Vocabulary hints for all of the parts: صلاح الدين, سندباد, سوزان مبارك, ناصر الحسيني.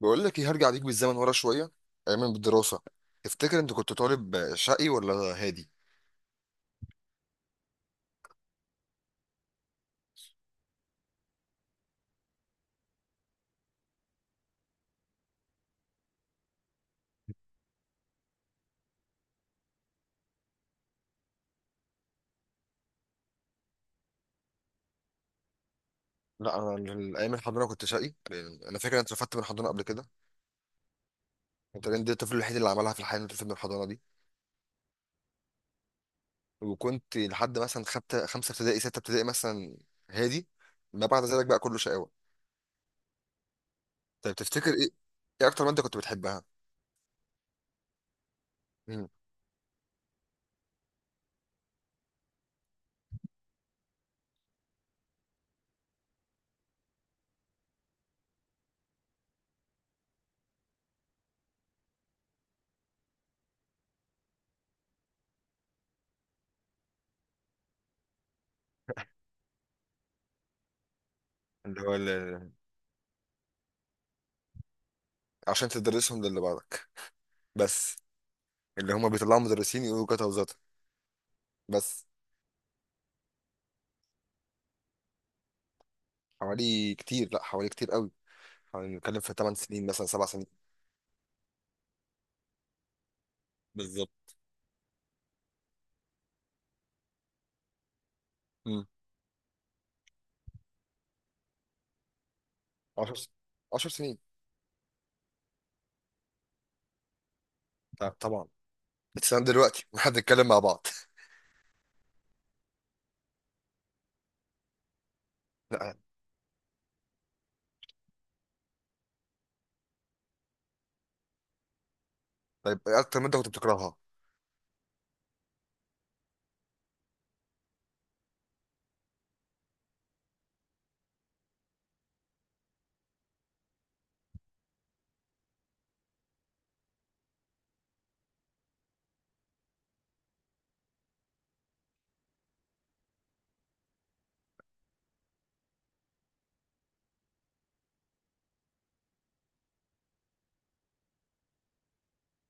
بقول لك ايه، هرجع بيك بالزمن ورا شويه، ايام الدراسه. تفتكر انت كنت طالب شقي ولا هادي؟ لا، انا ايام الحضانه كنت شقي، لأن انا فاكر انت رفدت من الحضانه قبل كده. انت كنت الطفل الوحيد اللي عملها في الحياه انت من الحضانه دي. وكنت لحد مثلا خمسه ابتدائي، سته ابتدائي مثلا، هادي. ما بعد ذلك بقى كله شقاوه. طيب تفتكر ايه؟ ايه اكتر ماده كنت بتحبها؟ مم. اللي هو ال- عشان تدرسهم للي بعدك بس. اللي هم بيطلعوا مدرسين يقولوا كده وزاته بس. حوالي كتير، لا حوالي كتير قوي. يعني بنتكلم في 8 سنين مثلا 7 سنين. بالظبط. مم. 10 سنين، 10 سنين. طبعا. بتسلم دلوقتي واحنا بنتكلم مع بعض لا. طيب، إيه اكتر ماده كنت بتكرهها؟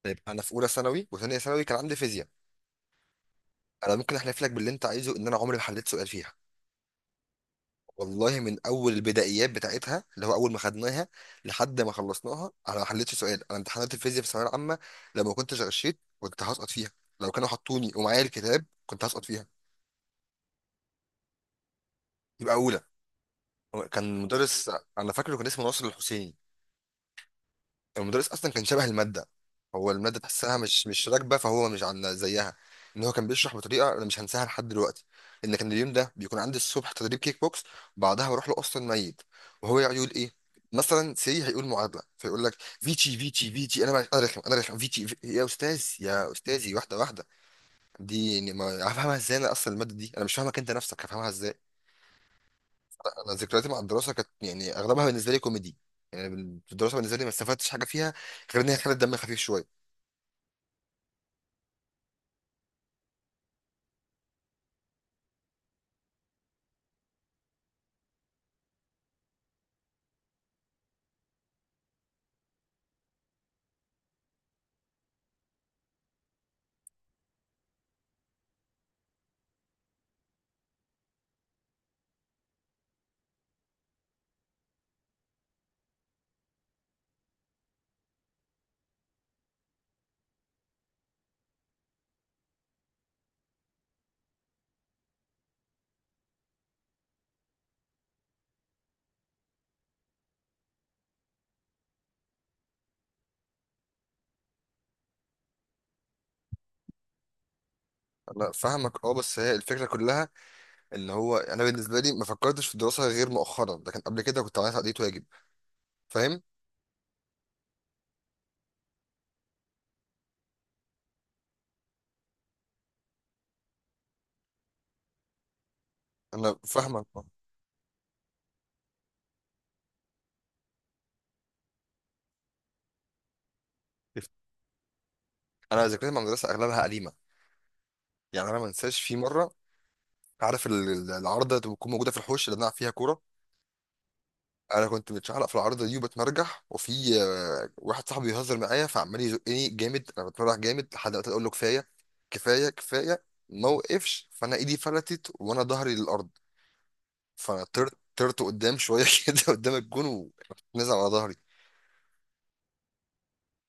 طيب، انا في اولى ثانوي وثانيه ثانوي كان عندي فيزياء. انا ممكن احلف لك باللي انت عايزه ان انا عمري ما حليت سؤال فيها. والله من اول البدائيات بتاعتها اللي هو اول ما خدناها لحد ما خلصناها انا ما حليتش سؤال. انا امتحانات الفيزياء في الثانويه العامه لو ما كنتش غشيت كنت هسقط فيها. لو كانوا حطوني ومعايا الكتاب كنت هسقط فيها. يبقى اولى. هو كان مدرس، انا فاكره كان اسمه ناصر الحسيني. المدرس اصلا كان شبه الماده. هو الماده تحسها مش راكبه، فهو مش عن زيها. ان هو كان بيشرح بطريقه انا مش هنساها لحد دلوقتي. ان كان اليوم ده بيكون عندي الصبح تدريب كيك بوكس، بعدها بروح له اصلا ميت، وهو يقعد يقول ايه، مثلا سي هيقول معادله فيقول لك فيتشي، انا رخم فيتشي في... يا استاذ يا استاذي، واحده. دي يعني ما هفهمها ازاي؟ انا اصلا الماده دي انا مش فاهمك انت نفسك، هفهمها ازاي؟ انا ذكرياتي مع الدراسه كانت يعني اغلبها بالنسبه لي كوميدي. يعني في الدراسه بالنسبه لي ما استفدتش حاجه فيها غير ان هي خلت دمي خفيف شويه. انا فاهمك اه، بس هي الفكره كلها اللي هو انا بالنسبه لي ما فكرتش في الدراسه غير مؤخرا، لكن قبل كده كنت عملت تقضية واجب. فاهم. انا فاهمك اه. انا ذاكرتي مع المدرسه اغلبها قديمه. يعني انا ما انساش في مره، عارف العارضه اللي بتكون موجوده في الحوش اللي بنلعب فيها كوره؟ انا كنت متشعلق في العارضه دي وبتمرجح، وفي واحد صاحبي بيهزر معايا فعمال يزقني جامد، انا بتمرجح جامد لحد ما اقول له كفايه كفايه كفايه، ما وقفش، فانا ايدي فلتت وانا ظهري للارض. فانا طرت قدام شويه كده قدام الجون، ونزل على ظهري.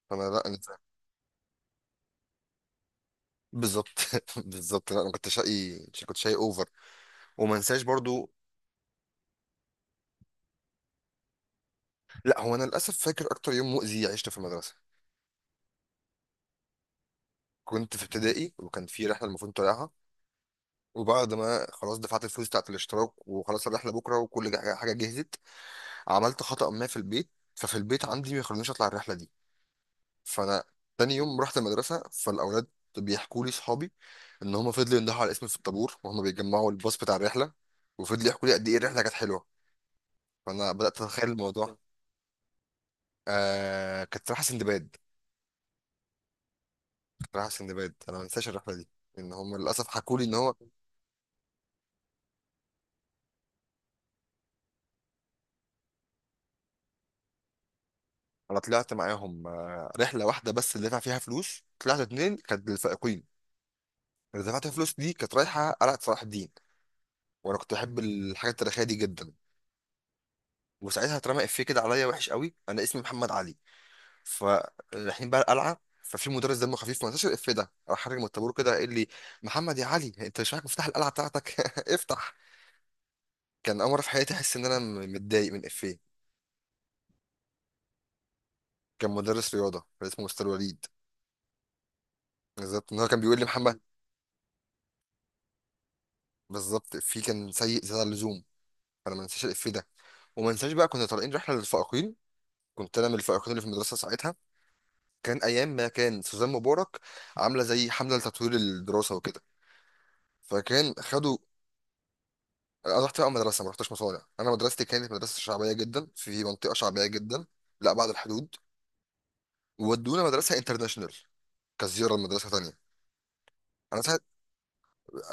فانا لا نزل. بالظبط بالظبط. لا انا كنت شقي، كنت شقي اوفر. وما انساش برضو. لا هو انا للاسف فاكر اكتر يوم مؤذي عشته في المدرسه. كنت في ابتدائي وكان في رحله المفروض طالعها، وبعد ما خلاص دفعت الفلوس بتاعت الاشتراك وخلاص الرحله بكره وكل حاجة جهزت، عملت خطأ ما في البيت، ففي البيت عندي ما يخلونيش اطلع الرحله دي. فانا تاني يوم رحت المدرسه فالاولاد بيحكوا لي صحابي ان هم فضلوا يندهوا على اسمي في الطابور وهم بيجمعوا الباص بتاع الرحله، وفضلوا يحكوا لي قد ايه الرحله كانت حلوه. فانا بدات اتخيل الموضوع. آه كانت رايحه سندباد. كانت رايحه سندباد، انا ما انساش الرحله دي. ان هم للاسف حكوا لي ان هو. انا طلعت معاهم آه رحله واحده بس اللي دفع فيها فلوس، طلعت اتنين كانت للفائقين. اللي دفعت فيها فلوس دي كانت رايحه قلعه صلاح الدين، وانا كنت بحب الحاجات التاريخيه دي جدا. وساعتها اترمى افيه كده عليا وحش قوي. انا اسمي محمد علي، فرايحين بقى القلعه، ففي مدرس دمه خفيف ما نساش الإف ده، راح خارج من الطابور كده قال لي محمد يا علي، انت مش معاك مفتاح القلعه بتاعتك؟ افتح. كان اول مره في حياتي احس ان انا متضايق من إفيه. كان مدرس رياضه كان اسمه مستر وليد. بالظبط، ان هو كان بيقول لي محمد. بالظبط، إفيه كان سيء زياده عن اللزوم. فانا ما نساش الإف ده. وما نساش بقى كنا طالعين رحله للفائقين. كنت انا من الفائقين اللي في المدرسه ساعتها. كان ايام ما كان سوزان مبارك عامله زي حمله لتطوير الدراسه وكده، فكان خدوا. انا رحت بقى مدرسه، ما رحتش مصانع. انا مدرستي كانت مدرسه شعبيه جدا في منطقه شعبيه جدا، لا بعد الحدود. وودونا مدرسه انترناشونال كزياره لمدرسه تانية. انا ساعت،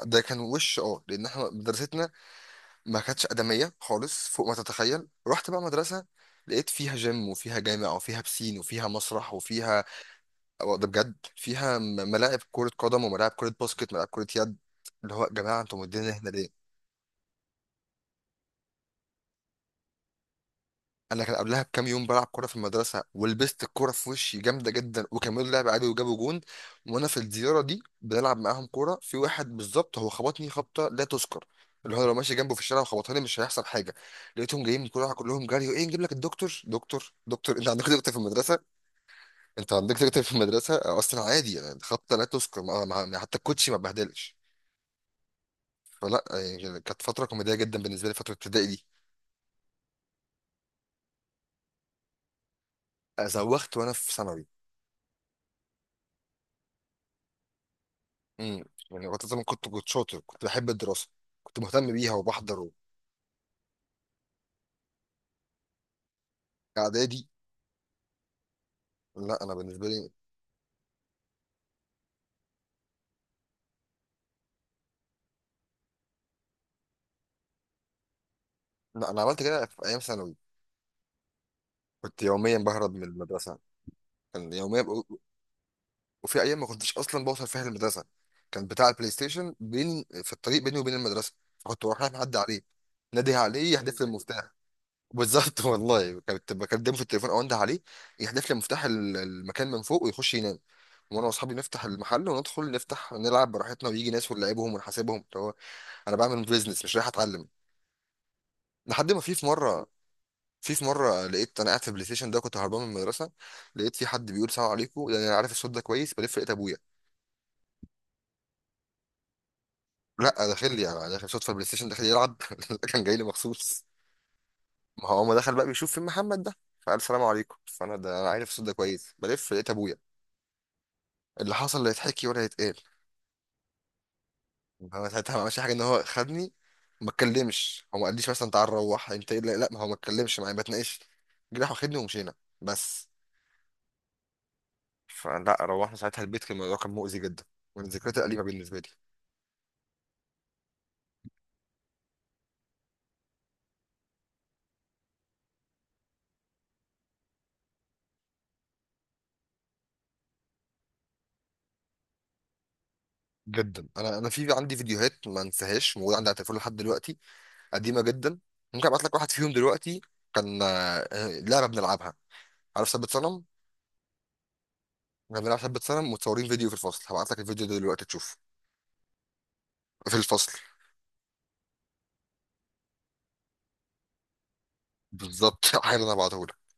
ده كان وش اه، لان احنا مدرستنا ما كانتش ادميه خالص فوق ما تتخيل. رحت بقى مدرسه لقيت فيها جيم وفيها جامع وفيها بسين وفيها مسرح وفيها، أو ده بجد، فيها ملاعب كره قدم وملاعب كره باسكت، ملاعب كره يد. اللي هو يا جماعه انتوا مدينا هنا ليه؟ انا كان قبلها بكام يوم بلعب كوره في المدرسه ولبست الكوره في وشي جامده جدا، وكملوا لعب عادي وجابوا جون. وانا في الزياره دي بنلعب معاهم كوره في واحد بالظبط هو خبطني خبطه لا تذكر، اللي هو لو ماشي جنبه في الشارع وخبطها لي مش هيحصل حاجه. لقيتهم جايين من كل واحد كلهم جري ايه، نجيب لك الدكتور، دكتور دكتور، انت عندك دكتور في المدرسه؟ انت عندك دكتور في المدرسه؟ اصلا عادي يعني، خبطه لا تذكر، حتى الكوتشي ما بهدلش. فلا يعني كانت فتره كوميديه جدا بالنسبه لي فتره ابتدائي دي. زوخت وانا في ثانوي امم. يعني وقت زمان كنت شاطر، كنت بحب الدراسه، كنت مهتم بيها وبحضر اعدادي. لا انا بالنسبه لي. لا انا عملت كده في ايام ثانوي. كنت يوميا بهرب من المدرسه. كان يوميا ب... وفي ايام ما كنتش اصلا بوصل فيها المدرسه. كان بتاع البلاي ستيشن بين في الطريق بيني وبين المدرسه، فكنت بروح رايح معدي عليه، نادي عليه يحدف لي المفتاح. بالظبط والله كنت بكلمه في التليفون او انده عليه، يحدف لي مفتاح المكان من فوق ويخش ينام. وانا واصحابي نفتح المحل وندخل نفتح نلعب براحتنا ويجي ناس ونلعبهم ونحاسبهم. انا بعمل بيزنس مش رايح اتعلم. لحد ما في مره، في مره لقيت انا قاعد في البلاي ستيشن ده كنت هربان من المدرسه، لقيت في حد بيقول سلام عليكم، يعني انا عارف الصوت ده كويس، بلف لقيت ابويا. لا داخل لي، انا داخل صوت في البلاي ستيشن داخل يلعب كان جاي لي مخصوص. ما هو ما دخل بقى بيشوف فين محمد ده، فقال سلام عليكم، فانا ده انا عارف الصوت ده كويس، بلف لقيت ابويا. اللي حصل لا يتحكي ولا يتقال. هو ساعتها ما عملش حاجه، ان هو خدني. ما اتكلمش، هو ما قاليش مثلا تعال روح انت إيه؟ لا لا، ما هو ما اتكلمش معايا ما اتناقش. جه راح واخدني ومشينا بس. فلا روحنا ساعتها البيت، كان الموضوع كان مؤذي جدا، ومن ذكريات الأليمة بالنسبة لي. جدا. انا انا في عندي فيديوهات ما انساهاش موجوده عندي على التليفون لحد دلوقتي، قديمه جدا. ممكن ابعت لك واحد فيهم دلوقتي. كان لعبه بنلعبها. عارف ثبت صنم؟ كنا بنلعب ثبت صنم متصورين فيديو في الفصل، هبعت لك الفيديو ده دلوقتي تشوفه. في الفصل. بالظبط حالا انا هبعته.